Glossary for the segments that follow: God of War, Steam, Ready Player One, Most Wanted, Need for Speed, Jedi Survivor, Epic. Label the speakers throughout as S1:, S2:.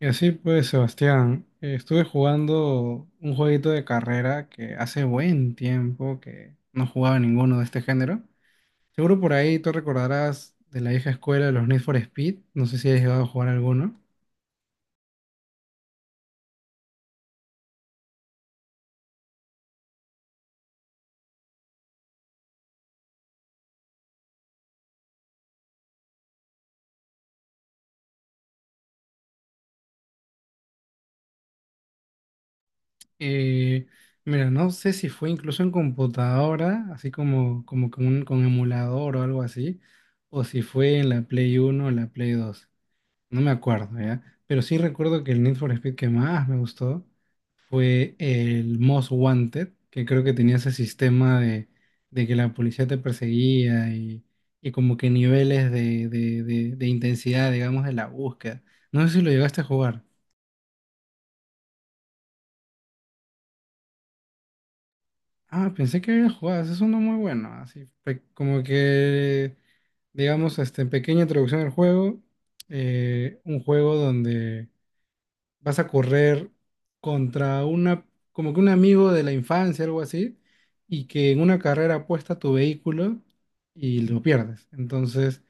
S1: Y así pues, Sebastián, estuve jugando un jueguito de carrera que hace buen tiempo que no jugaba ninguno de este género. Seguro por ahí tú recordarás de la vieja escuela de los Need for Speed, no sé si has llegado a jugar alguno. Eh, mira, no sé si fue incluso en computadora, así como con emulador o algo así, o si fue en la Play Uno o la Play Dos. No me acuerdo, ¿ya? Pero sí recuerdo que el Need for Speed que más me gustó fue el Most Wanted, que creo que tenía ese sistema de que la policía te perseguía y como que niveles de intensidad, digamos, de la búsqueda. No sé si lo llegaste a jugar. Ah, pensé que había jugado, ese es uno muy bueno, así como que, digamos, este, pequeña introducción al juego, un juego donde vas a correr contra una, como que un amigo de la infancia, algo así, y que en una carrera apuesta tu vehículo y lo pierdes. Entonces,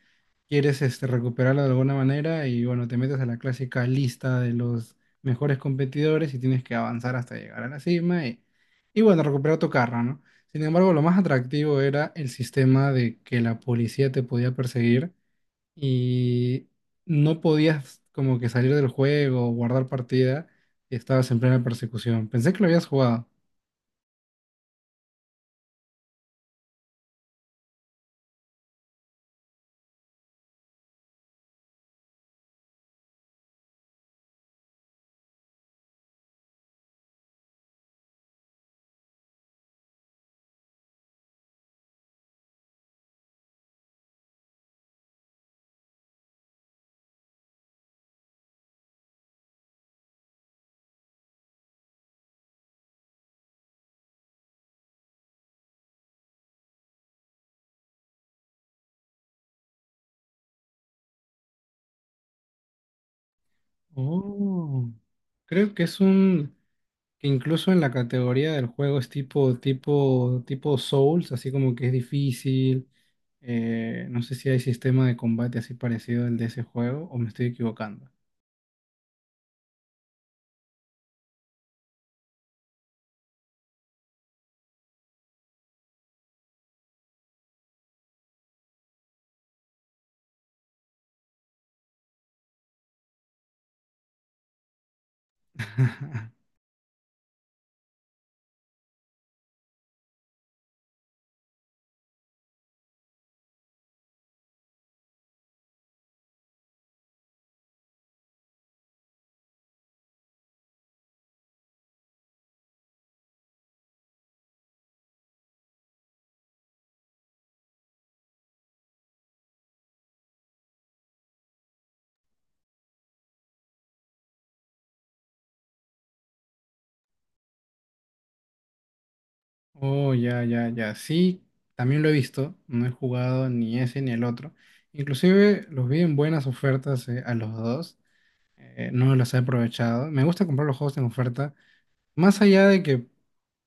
S1: quieres este, recuperarlo de alguna manera y bueno, te metes a la clásica lista de los mejores competidores y tienes que avanzar hasta llegar a la cima y bueno, recuperar tu carro, ¿no? Sin embargo, lo más atractivo era el sistema de que la policía te podía perseguir y no podías como que salir del juego, guardar partida, y estabas en plena persecución. Pensé que lo habías jugado. Oh. Creo que es un que incluso en la categoría del juego es tipo Souls, así como que es difícil. No sé si hay sistema de combate así parecido al de ese juego o me estoy equivocando. Oh, ya, ya, ya. Sí, también lo he visto. No he jugado ni ese ni el otro. Inclusive los vi en buenas ofertas a los dos. No las he aprovechado. Me gusta comprar los juegos en oferta. Más allá de que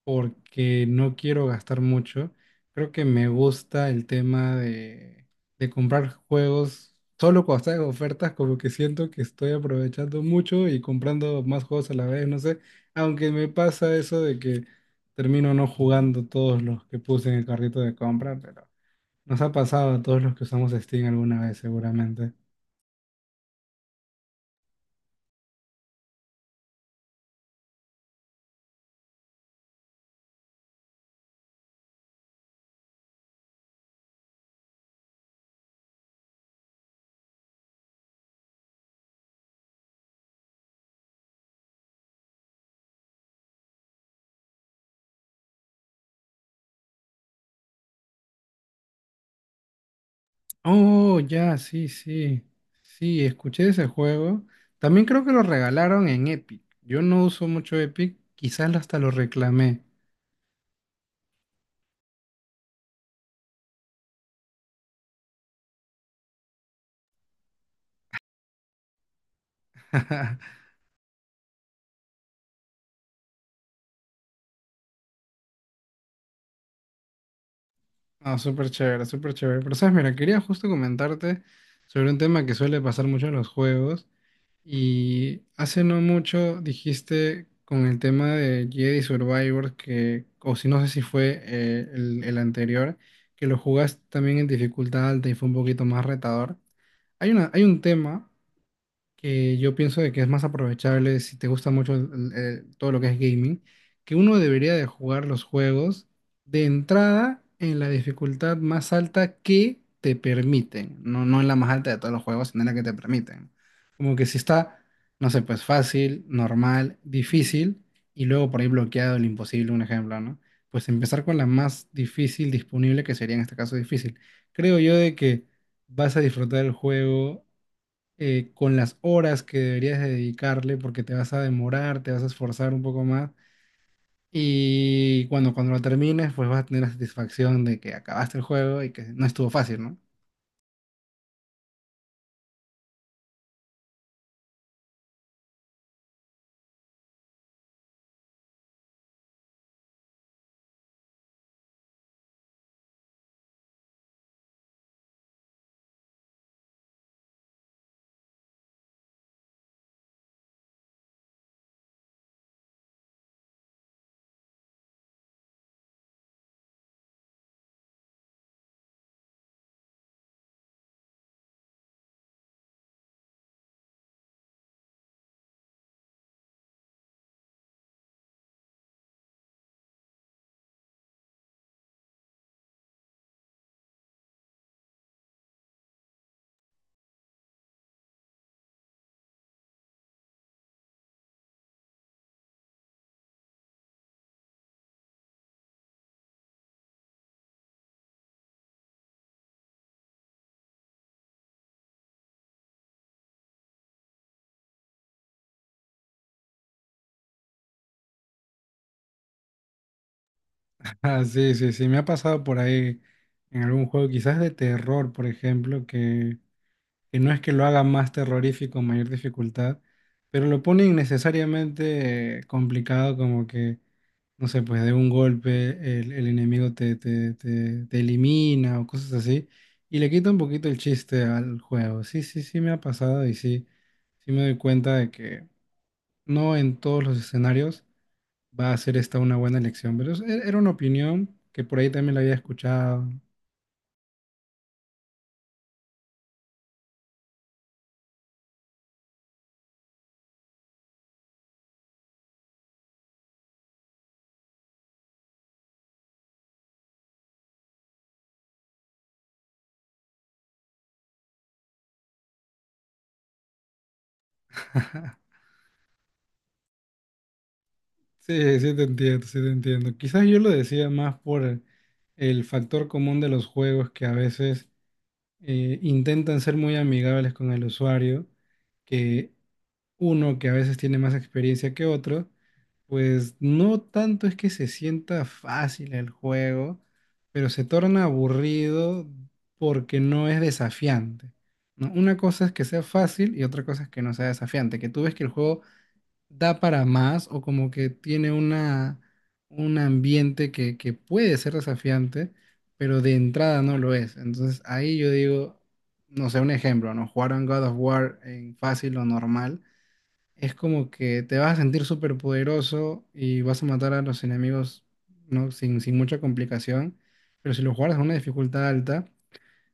S1: porque no quiero gastar mucho, creo que me gusta el tema de comprar juegos solo cuando están en ofertas, como que siento que estoy aprovechando mucho y comprando más juegos a la vez, no sé, aunque me pasa eso de que termino no jugando todos los que puse en el carrito de compra, pero nos ha pasado a todos los que usamos Steam alguna vez seguramente. Oh, ya, sí, sí. Sí, escuché ese juego. También creo que lo regalaron en Epic. Yo no uso mucho Epic, quizás hasta lo reclamé. No, súper chévere, súper chévere. Pero sabes, mira, quería justo comentarte sobre un tema que suele pasar mucho en los juegos. Y hace no mucho dijiste con el tema de Jedi Survivor que, o si no sé si fue el anterior, que lo jugaste también en dificultad alta y fue un poquito más retador. Hay un tema que yo pienso de que es más aprovechable si te gusta mucho todo lo que es gaming, que uno debería de jugar los juegos de entrada en la dificultad más alta que te permiten, no, no en la más alta de todos los juegos, sino en la que te permiten. Como que si está, no sé, pues fácil, normal, difícil y luego por ahí bloqueado el imposible, un ejemplo, ¿no? Pues empezar con la más difícil disponible, que sería en este caso difícil. Creo yo de que vas a disfrutar el juego con las horas que deberías de dedicarle, porque te vas a demorar, te vas a esforzar un poco más. Y cuando lo termines, pues vas a tener la satisfacción de que acabaste el juego y que no estuvo fácil, ¿no? Ah, sí, sí, sí, me ha pasado por ahí en algún juego, quizás de terror, por ejemplo, que no es que lo haga más terrorífico, mayor dificultad, pero lo pone innecesariamente complicado, como que, no sé, pues de un golpe el enemigo te elimina o cosas así, y le quita un poquito el chiste al juego. Sí, sí, sí me ha pasado y sí, sí me doy cuenta de que no en todos los escenarios va a ser esta una buena elección, pero era una opinión que por ahí también la había escuchado. Sí, sí te entiendo, sí te entiendo. Quizás yo lo decía más por el factor común de los juegos que a veces intentan ser muy amigables con el usuario, que uno que a veces tiene más experiencia que otro, pues no tanto es que se sienta fácil el juego, pero se torna aburrido porque no es desafiante, ¿no? Una cosa es que sea fácil y otra cosa es que no sea desafiante, que tú ves que el juego da para más o como que tiene una, un ambiente que puede ser desafiante, pero de entrada no lo es. Entonces ahí yo digo, no sé, un ejemplo, ¿no? Jugar un God of War en fácil o normal es como que te vas a sentir súper poderoso y vas a matar a los enemigos, ¿no? Sin, sin mucha complicación, pero si lo jugaras en una dificultad alta,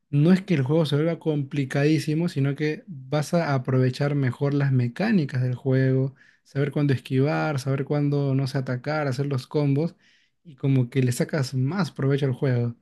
S1: no es que el juego se vuelva complicadísimo, sino que vas a aprovechar mejor las mecánicas del juego, saber cuándo esquivar, saber cuándo, no sé, atacar, hacer los combos, y como que le sacas más provecho al juego.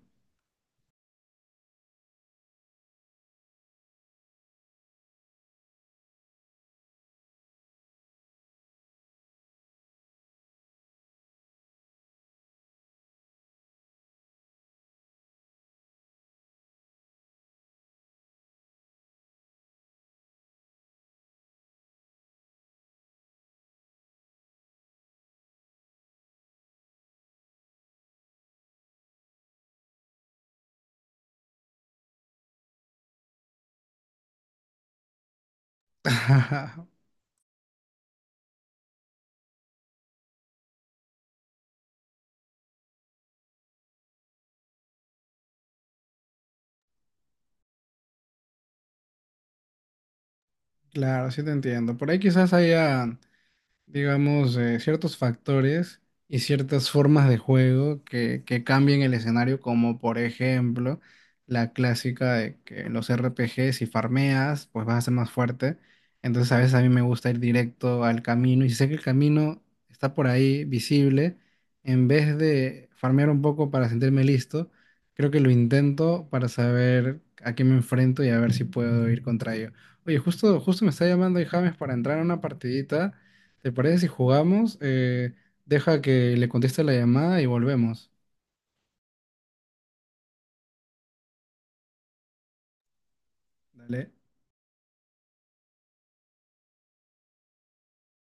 S1: Claro, sí te entiendo. Por ahí quizás haya. Digamos, ciertos factores y ciertas formas de juego que cambien el escenario, como por ejemplo la clásica de que los RPGs, si farmeas, pues vas a ser más fuerte. Entonces a veces a mí me gusta ir directo al camino y si sé que el camino está por ahí visible, en vez de farmear un poco para sentirme listo, creo que lo intento para saber a qué me enfrento y a ver si puedo ir contra ello. Oye, justo, justo me está llamando ahí James para entrar a una partidita. ¿Te parece si jugamos? Deja que le conteste la llamada y volvemos. Dale.